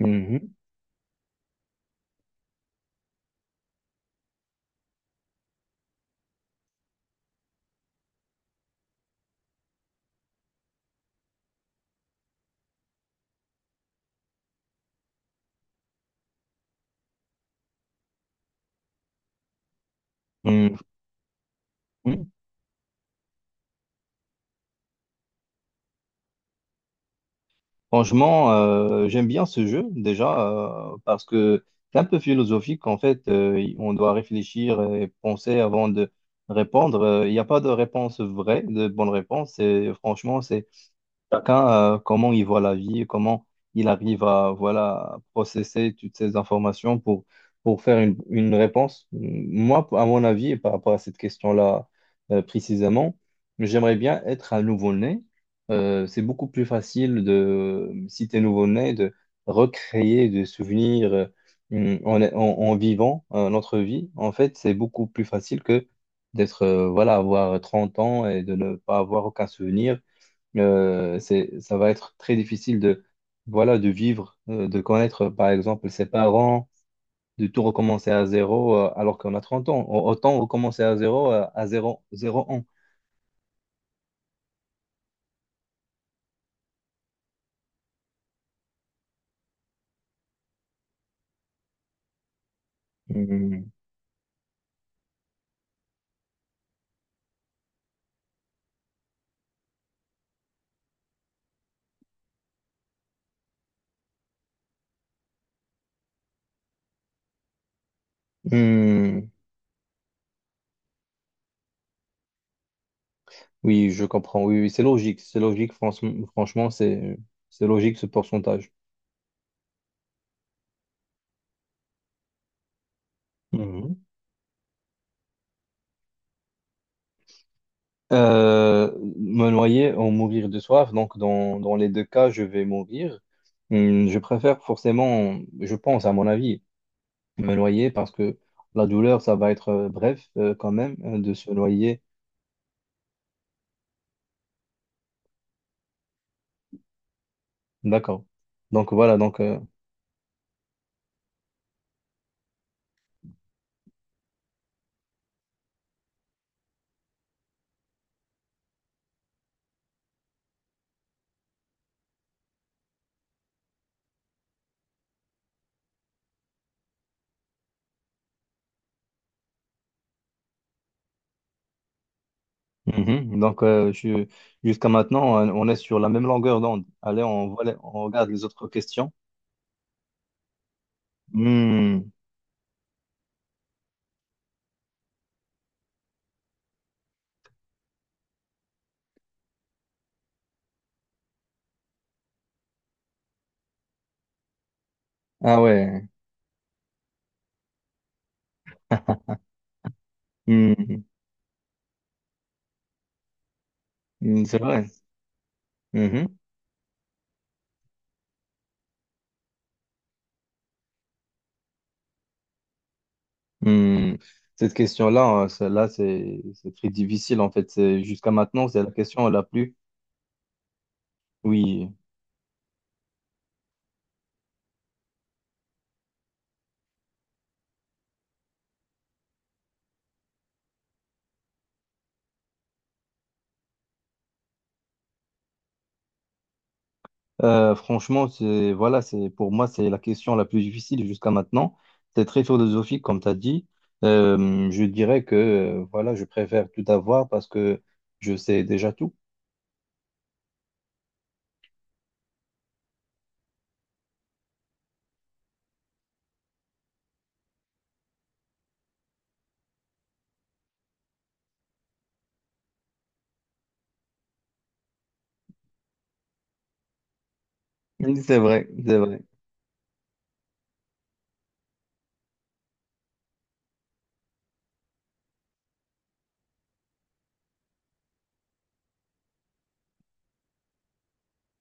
Mhm. Mhm. Mhm. Franchement, j'aime bien ce jeu déjà parce que c'est un peu philosophique en fait. On doit réfléchir et penser avant de répondre. Il n'y a pas de réponse vraie, de bonne réponse. Et franchement, c'est chacun, comment il voit la vie, comment il arrive à voilà, processer toutes ces informations pour faire une réponse. Moi, à mon avis, et par rapport à cette question-là précisément, j'aimerais bien être un nouveau-né. C'est beaucoup plus facile de, si tu es nouveau-né, de recréer des souvenirs en, en vivant notre vie. En fait, c'est beaucoup plus facile que d'être, voilà, avoir 30 ans et de ne pas avoir aucun souvenir, c'est, ça va être très difficile de, voilà, de vivre, de connaître, par exemple, ses parents, de tout recommencer à zéro, alors qu'on a 30 ans. Autant recommencer à zéro, zéro ans. Hmm. Hmm. Oui, je comprends. Oui, oui, c'est logique. C'est logique, franchement, c'est logique ce pourcentage. Mhm. Euh, Me noyer ou mourir de soif, donc dans les deux cas, je vais mourir. Hmm. Je préfère forcément, je pense à mon avis, me noyer parce que la douleur, ça va être bref quand même de se noyer. D'accord. Donc voilà, donc, mhm. Donc jusqu'à maintenant, on est sur la même longueur d'onde. Allez, on, on regarde les autres questions. Hmm. Ah ouais. Hmm. Hmm, c'est vrai. Mhm. Hmm. Cette question-là, celle-là, c'est très difficile en fait. Jusqu'à maintenant, c'est la question la plus... Oui. Franchement, c'est voilà, c'est pour moi, c'est la question la plus difficile jusqu'à maintenant. C'est très philosophique, comme tu as dit. Je dirais que voilà, je préfère tout avoir parce que je sais déjà tout. C'est vrai, c'est vrai.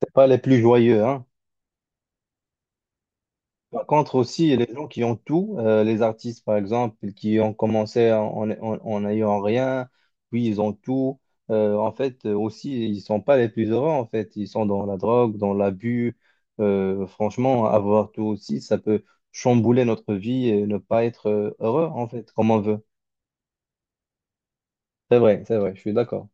C'est pas les plus joyeux, hein. Par contre aussi, les gens qui ont tout, les artistes par exemple, qui ont commencé en, en, en n'ayant rien, puis ils ont tout, en fait aussi, ils sont pas les plus heureux, en fait, ils sont dans la drogue, dans l'abus. Franchement, avoir tout aussi, ça peut chambouler notre vie et ne pas être heureux, en fait, comme on veut. C'est vrai, je suis d'accord.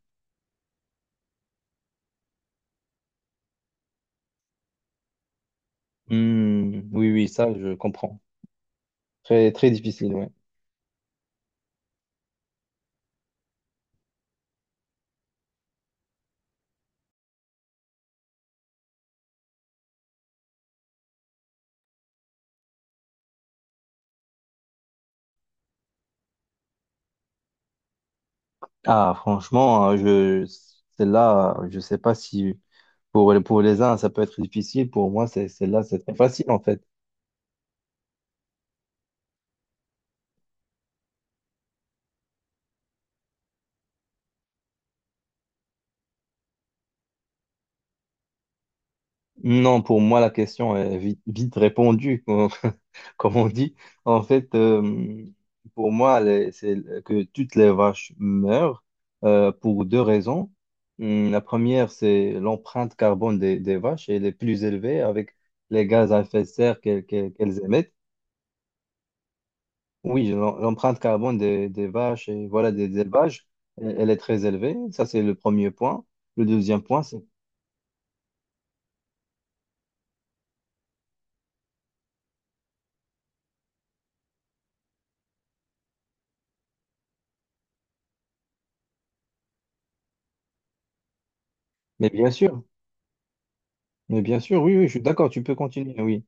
Hmm, oui, oui, ça, je comprends. Très, très difficile, oui. Ah, franchement, je, celle-là, je sais pas si... pour les uns, ça peut être difficile. Pour moi, c'est, celle-là, c'est très facile, en fait. Non, pour moi, la question est vite, vite répondue, comme, comme on dit. En fait, pour moi, c'est que toutes les vaches meurent pour deux raisons. La première, c'est l'empreinte carbone des vaches. Elle est plus élevée avec les gaz à effet de serre qu'elles émettent. Oui, l'empreinte carbone des vaches et voilà, des élevages, elle est très élevée. Ça, c'est le premier point. Le deuxième point, c'est... Mais bien sûr, mais bien sûr, oui, oui, je suis d'accord, tu peux continuer, oui.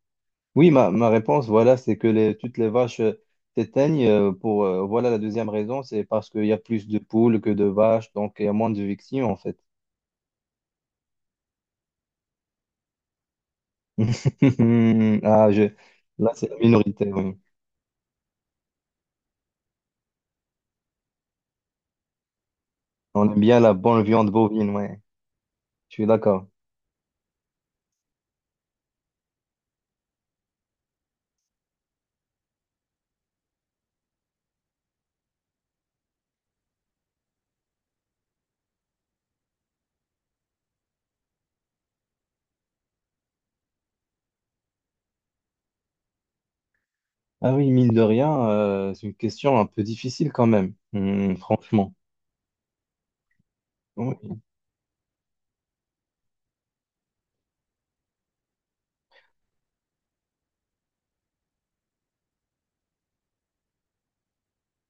Oui, ma réponse, voilà, c'est que les, toutes les vaches s'éteignent pour, voilà, la deuxième raison, c'est parce qu'il y a plus de poules que de vaches, donc il y a moins de victimes, en fait. Ah, je... Là, c'est la minorité, oui. On aime bien la bonne viande bovine, ouais. Je suis d'accord. Ah oui, mine de rien, c'est une question un peu difficile quand même, hmm, franchement.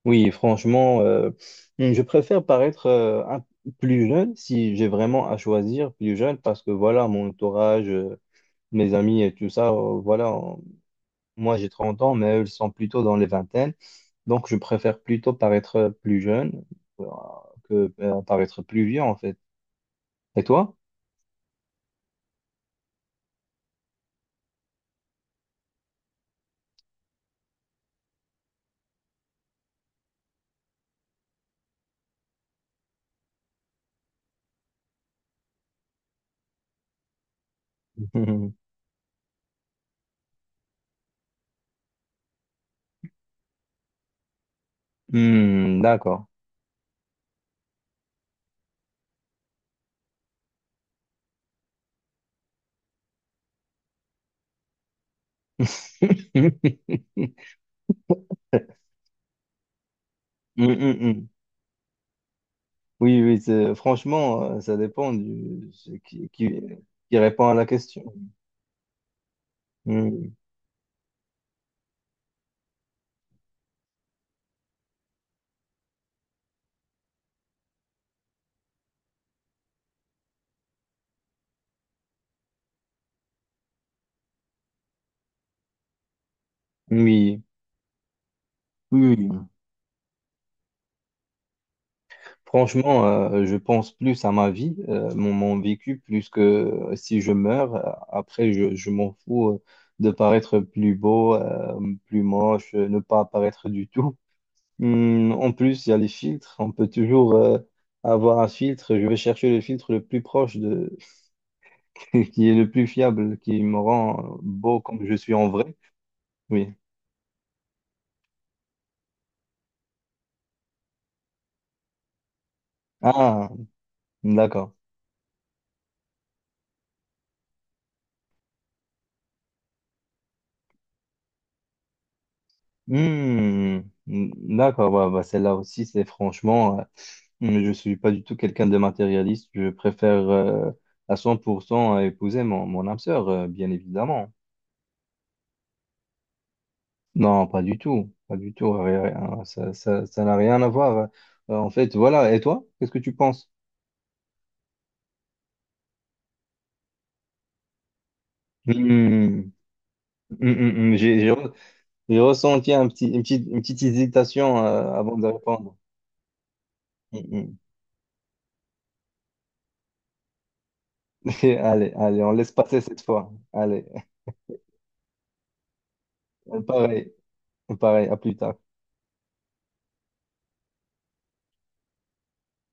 Oui, franchement, je préfère paraître plus jeune si j'ai vraiment à choisir plus jeune parce que voilà, mon entourage, mes amis et tout ça, voilà, on- moi j'ai 30 ans, mais eux ils sont plutôt dans les vingtaines. Donc je préfère plutôt paraître plus jeune euh, que paraître plus vieux en fait. Et toi? Hmm, d'accord. Mm, mm, mm. Oui, oui, franchement, ça dépend du ce qui répond à la question. Mm. Oui, oui, oui. Mm. Franchement, je pense plus à ma vie, mon, mon vécu, plus que si je meurs. Après, je m'en fous de paraître plus beau, plus moche, ne pas apparaître du tout. Hmm, en plus, il y a les filtres. On peut toujours avoir un filtre. Je vais chercher le filtre le plus proche de, qui est le plus fiable, qui me rend beau comme je suis en vrai. Oui. Ah, d'accord. Hmm. Hmm, d'accord, bah, bah, celle-là aussi, c'est franchement, hmm, je suis pas du tout quelqu'un de matérialiste, je préfère à 100% épouser mon, mon âme sœur, bien évidemment. Non, pas du tout, pas du tout, rien, ça n'a rien à voir. En fait, voilà, et toi, qu'est-ce que tu penses? Hmm, hmm, hmm, hmm, j'ai j'ai ressenti un petit, une petite hésitation avant de répondre. Hmm, hmm. Allez, allez, on laisse passer cette fois. Allez, pareil, pareil, à plus tard.